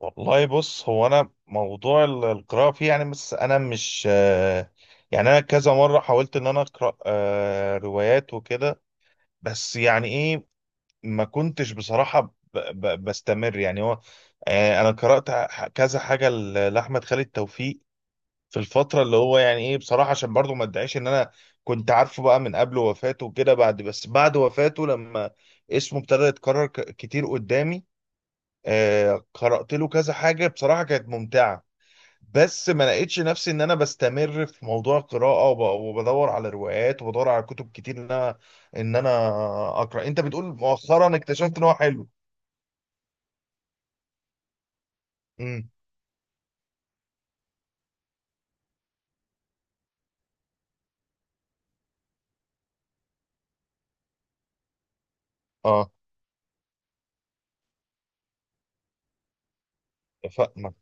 والله بص هو انا موضوع القراءه فيه يعني بس انا مش يعني انا كذا مره حاولت ان انا اقرا روايات وكده. بس يعني ايه، ما كنتش بصراحه بستمر. يعني هو انا قرات كذا حاجه لاحمد خالد توفيق في الفتره اللي هو يعني ايه. بصراحه عشان برضو ما ادعيش ان انا كنت عارفه بقى من قبل وفاته وكده، بعد بس بعد وفاته لما اسمه ابتدى يتكرر كتير قدامي، قرات له كذا حاجه بصراحه كانت ممتعه. بس ما لقيتش نفسي ان انا بستمر في موضوع القراءة وبدور على روايات وبدور على كتب كتير، ان انا اقرا. انت بتقول مؤخرا اكتشفت ان هو حلو؟ امم، اه. فاهمك،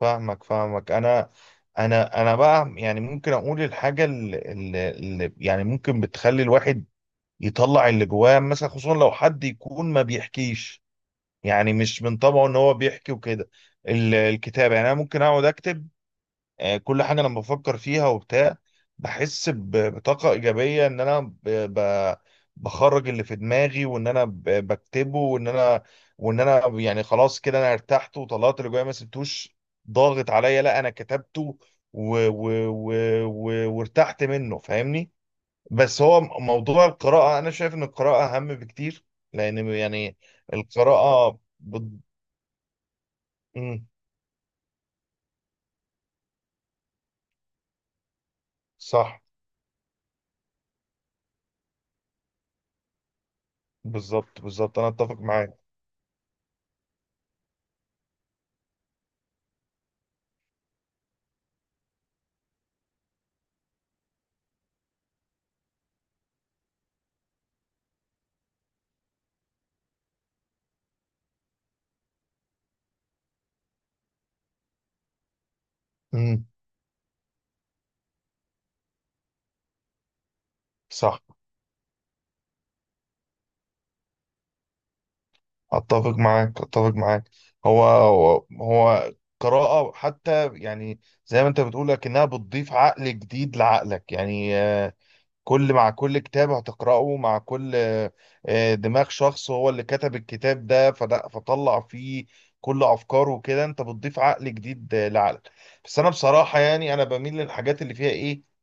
فاهمك، فاهمك. انا انا بقى يعني ممكن اقول الحاجة اللي يعني ممكن بتخلي الواحد يطلع اللي جواه، مثلا خصوصا لو حد يكون ما بيحكيش، يعني مش من طبعه ان هو بيحكي وكده. الكتابة، يعني انا ممكن اقعد اكتب كل حاجة أنا بفكر فيها وبتاع. بحس بطاقة إيجابية إن أنا ب- بخرج اللي في دماغي، وإن أنا بكتبه، وإن أنا يعني خلاص كده أنا ارتحت وطلعت اللي جوايا، ما سبتوش ضاغط عليا، لا أنا كتبته و و و و وارتحت منه، فاهمني. بس هو موضوع القراءة، أنا شايف إن القراءة أهم بكتير، لأن يعني القراءة بت... مم، صح. بالظبط بالظبط، أنا أتفق معاك. مم، صح. اتفق معاك، اتفق معاك. هو قراءة حتى يعني زي ما انت بتقول، لكنها بتضيف عقل جديد لعقلك، يعني مع كل كتاب هتقرأه، مع كل دماغ شخص هو اللي كتب الكتاب ده، فطلع فيه كل افكاره وكده، انت بتضيف عقل جديد لعقلك. بس انا بصراحة يعني انا بميل للحاجات اللي فيها ايه،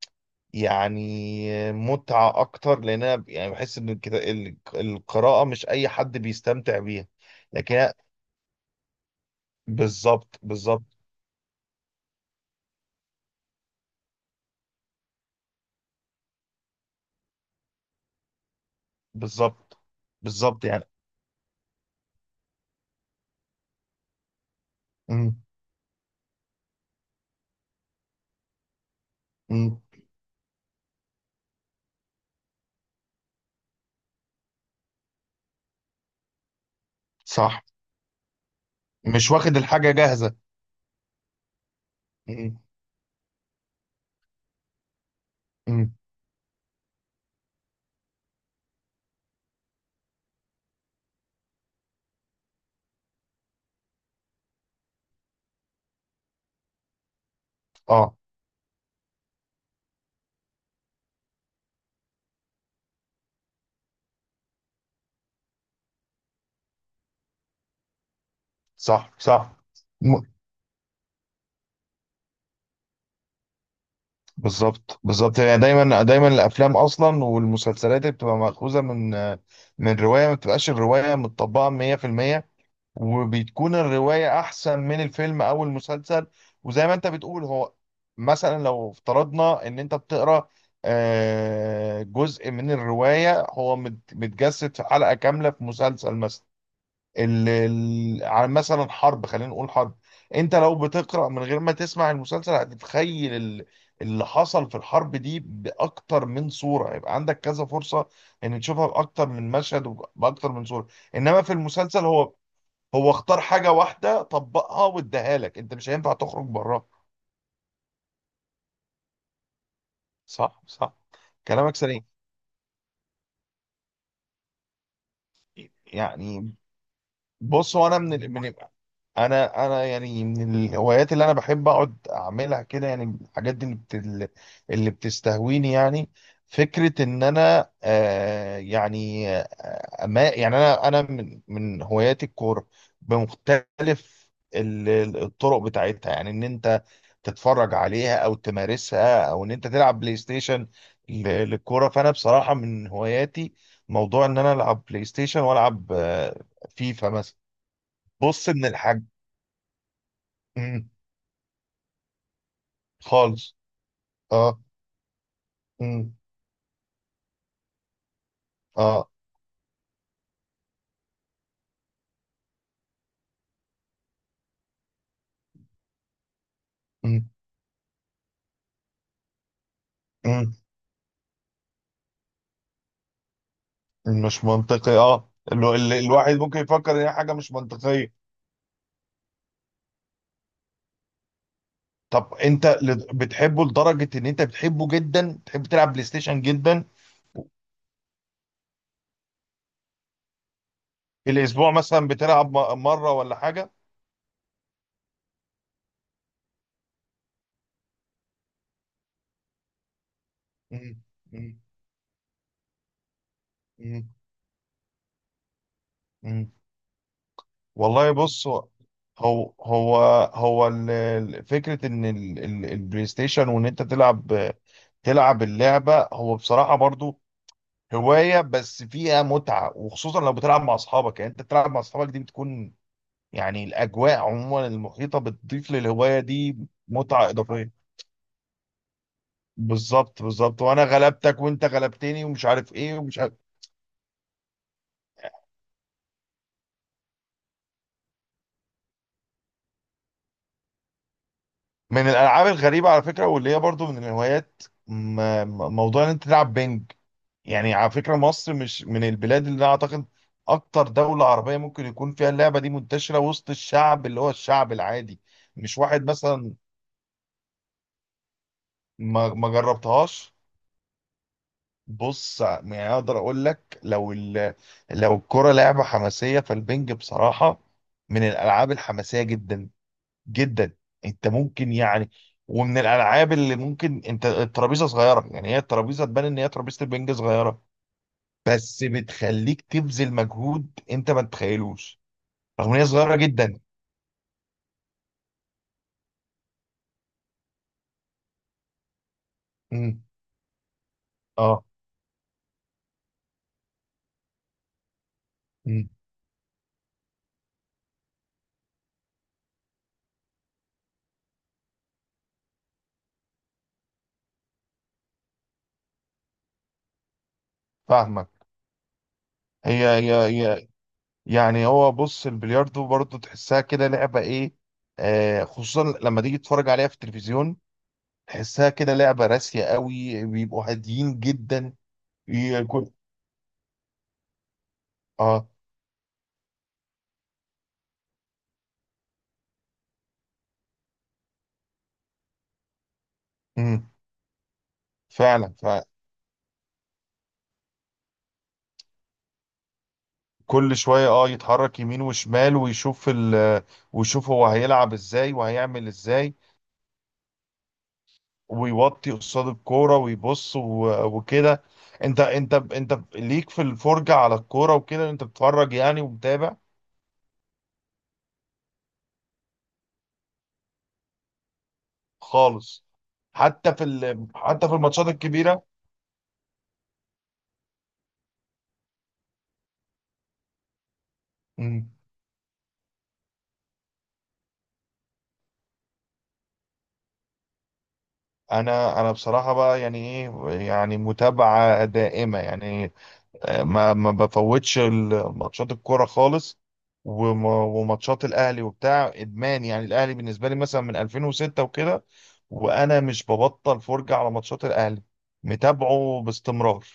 يعني متعة أكتر، لأن أنا يعني بحس إن القراءة مش أي حد بيستمتع بيها. لكن هي- بالظبط، بالظبط، بالظبط، بالظبط. يعني مم. مم. صح، مش واخد الحاجة جاهزة. مم. مم. اه، صح، صح. م- بالظبط بالظبط. يعني دايما دايما الأفلام أصلا والمسلسلات اللي بتبقى مأخوذة من رواية، ما بتبقاش الرواية متطبقة 100%، وبتكون الرواية أحسن من الفيلم أو المسلسل. وزي ما أنت بتقول، هو مثلا لو افترضنا إن أنت بتقرأ جزء من الرواية هو متجسد في حلقة كاملة في مسلسل مثلا، عن مثلا حرب، خلينا نقول حرب، أنت لو بتقرأ من غير ما تسمع المسلسل هتتخيل اللي حصل في الحرب دي بأكتر من صورة، يبقى عندك كذا فرصة إن تشوفها بأكتر من مشهد وبأكتر من صورة. إنما في المسلسل، هو اختار حاجة واحدة طبقها واداها لك، انت مش هينفع تخرج براها. صح، صح، كلامك سليم. يعني بص، هو انا من انا يعني من الهوايات اللي انا بحب اقعد اعملها كده، يعني الحاجات دي اللي اللي بتستهويني يعني. فكرة ان انا ما يعني انا من هواياتي الكورة، بمختلف ال- الطرق بتاعتها، يعني ان انت تتفرج عليها، او تمارسها، او ان انت تلعب بلاي ستيشن للكوره. فانا بصراحه من هواياتي موضوع ان انا العب بلاي ستيشن، والعب فيفا مثلا. بص من الحاج. مم. خالص. اه. مم. اه. مم. مم. مش منطقي، اه، الواحد ممكن يفكر ان هي حاجه مش منطقيه. طب انت بتحبه لدرجه ان انت بتحبه جدا؟ تحب تلعب بلاي ستيشن جدا؟ الاسبوع مثلا بتلعب مره ولا حاجه؟ مم. مم. مم. والله بص، هو هو هو فكرة ان البلاي ستيشن، وان انت تلعب اللعبة، هو بصراحة برضو هواية بس فيها متعة، وخصوصا لو بتلعب مع اصحابك، يعني انت بتلعب مع اصحابك دي، بتكون يعني الاجواء عموما المحيطة بتضيف للهواية دي متعة اضافية. بالظبط، بالظبط، وانا غلبتك وانت غلبتني ومش عارف ايه ومش عارف. من الالعاب الغريبة على فكرة، واللي هي برضو من الهوايات، موضوع ان انت تلعب بينج. يعني على فكرة مصر مش من البلاد اللي أنا أعتقد أكتر دولة عربية ممكن يكون فيها اللعبة دي منتشرة وسط الشعب، اللي هو الشعب العادي. مش واحد مثلا ما جربتهاش. بص، يعني أقدر أقول لك، لو الكرة لعبة حماسية، فالبنج بصراحة من الألعاب الحماسية جدا جدا. أنت ممكن يعني ومن الألعاب اللي ممكن، أنت الترابيزة صغيرة، يعني هي الترابيزة تبان إن هي ترابيزة البنج صغيرة، بس بتخليك تبذل مجهود انت ما تتخيلوش، رغم ان هي صغيره جدا. امم. اه. امم. فاهمك. هي يعني هو، بص، البلياردو برضه تحسها كده لعبه ايه، خصوصا لما تيجي تتفرج عليها في التلفزيون، تحسها كده لعبه راسيه قوي، بيبقوا هاديين جدا. كل. اه. امم. فعلا. فكل شويه اه يتحرك يمين وشمال، ويشوف ويشوف هو هيلعب ازاي وهيعمل ازاي، ويوطي قصاد الكوره ويبص وكده. انت ليك في الفرجه على الكوره وكده، انت بتتفرج يعني ومتابع. خالص. حتى حتى في الماتشات الكبيره. مم. انا بصراحه بقى يعني ايه، يعني متابعه دائمه، يعني ما بفوتش ماتشات الكوره خالص، وماتشات الاهلي وبتاع، ادمان. يعني الاهلي بالنسبه لي مثلا من 2006 وكده، وانا مش ببطل فرجه على ماتشات الاهلي، متابعه باستمرار.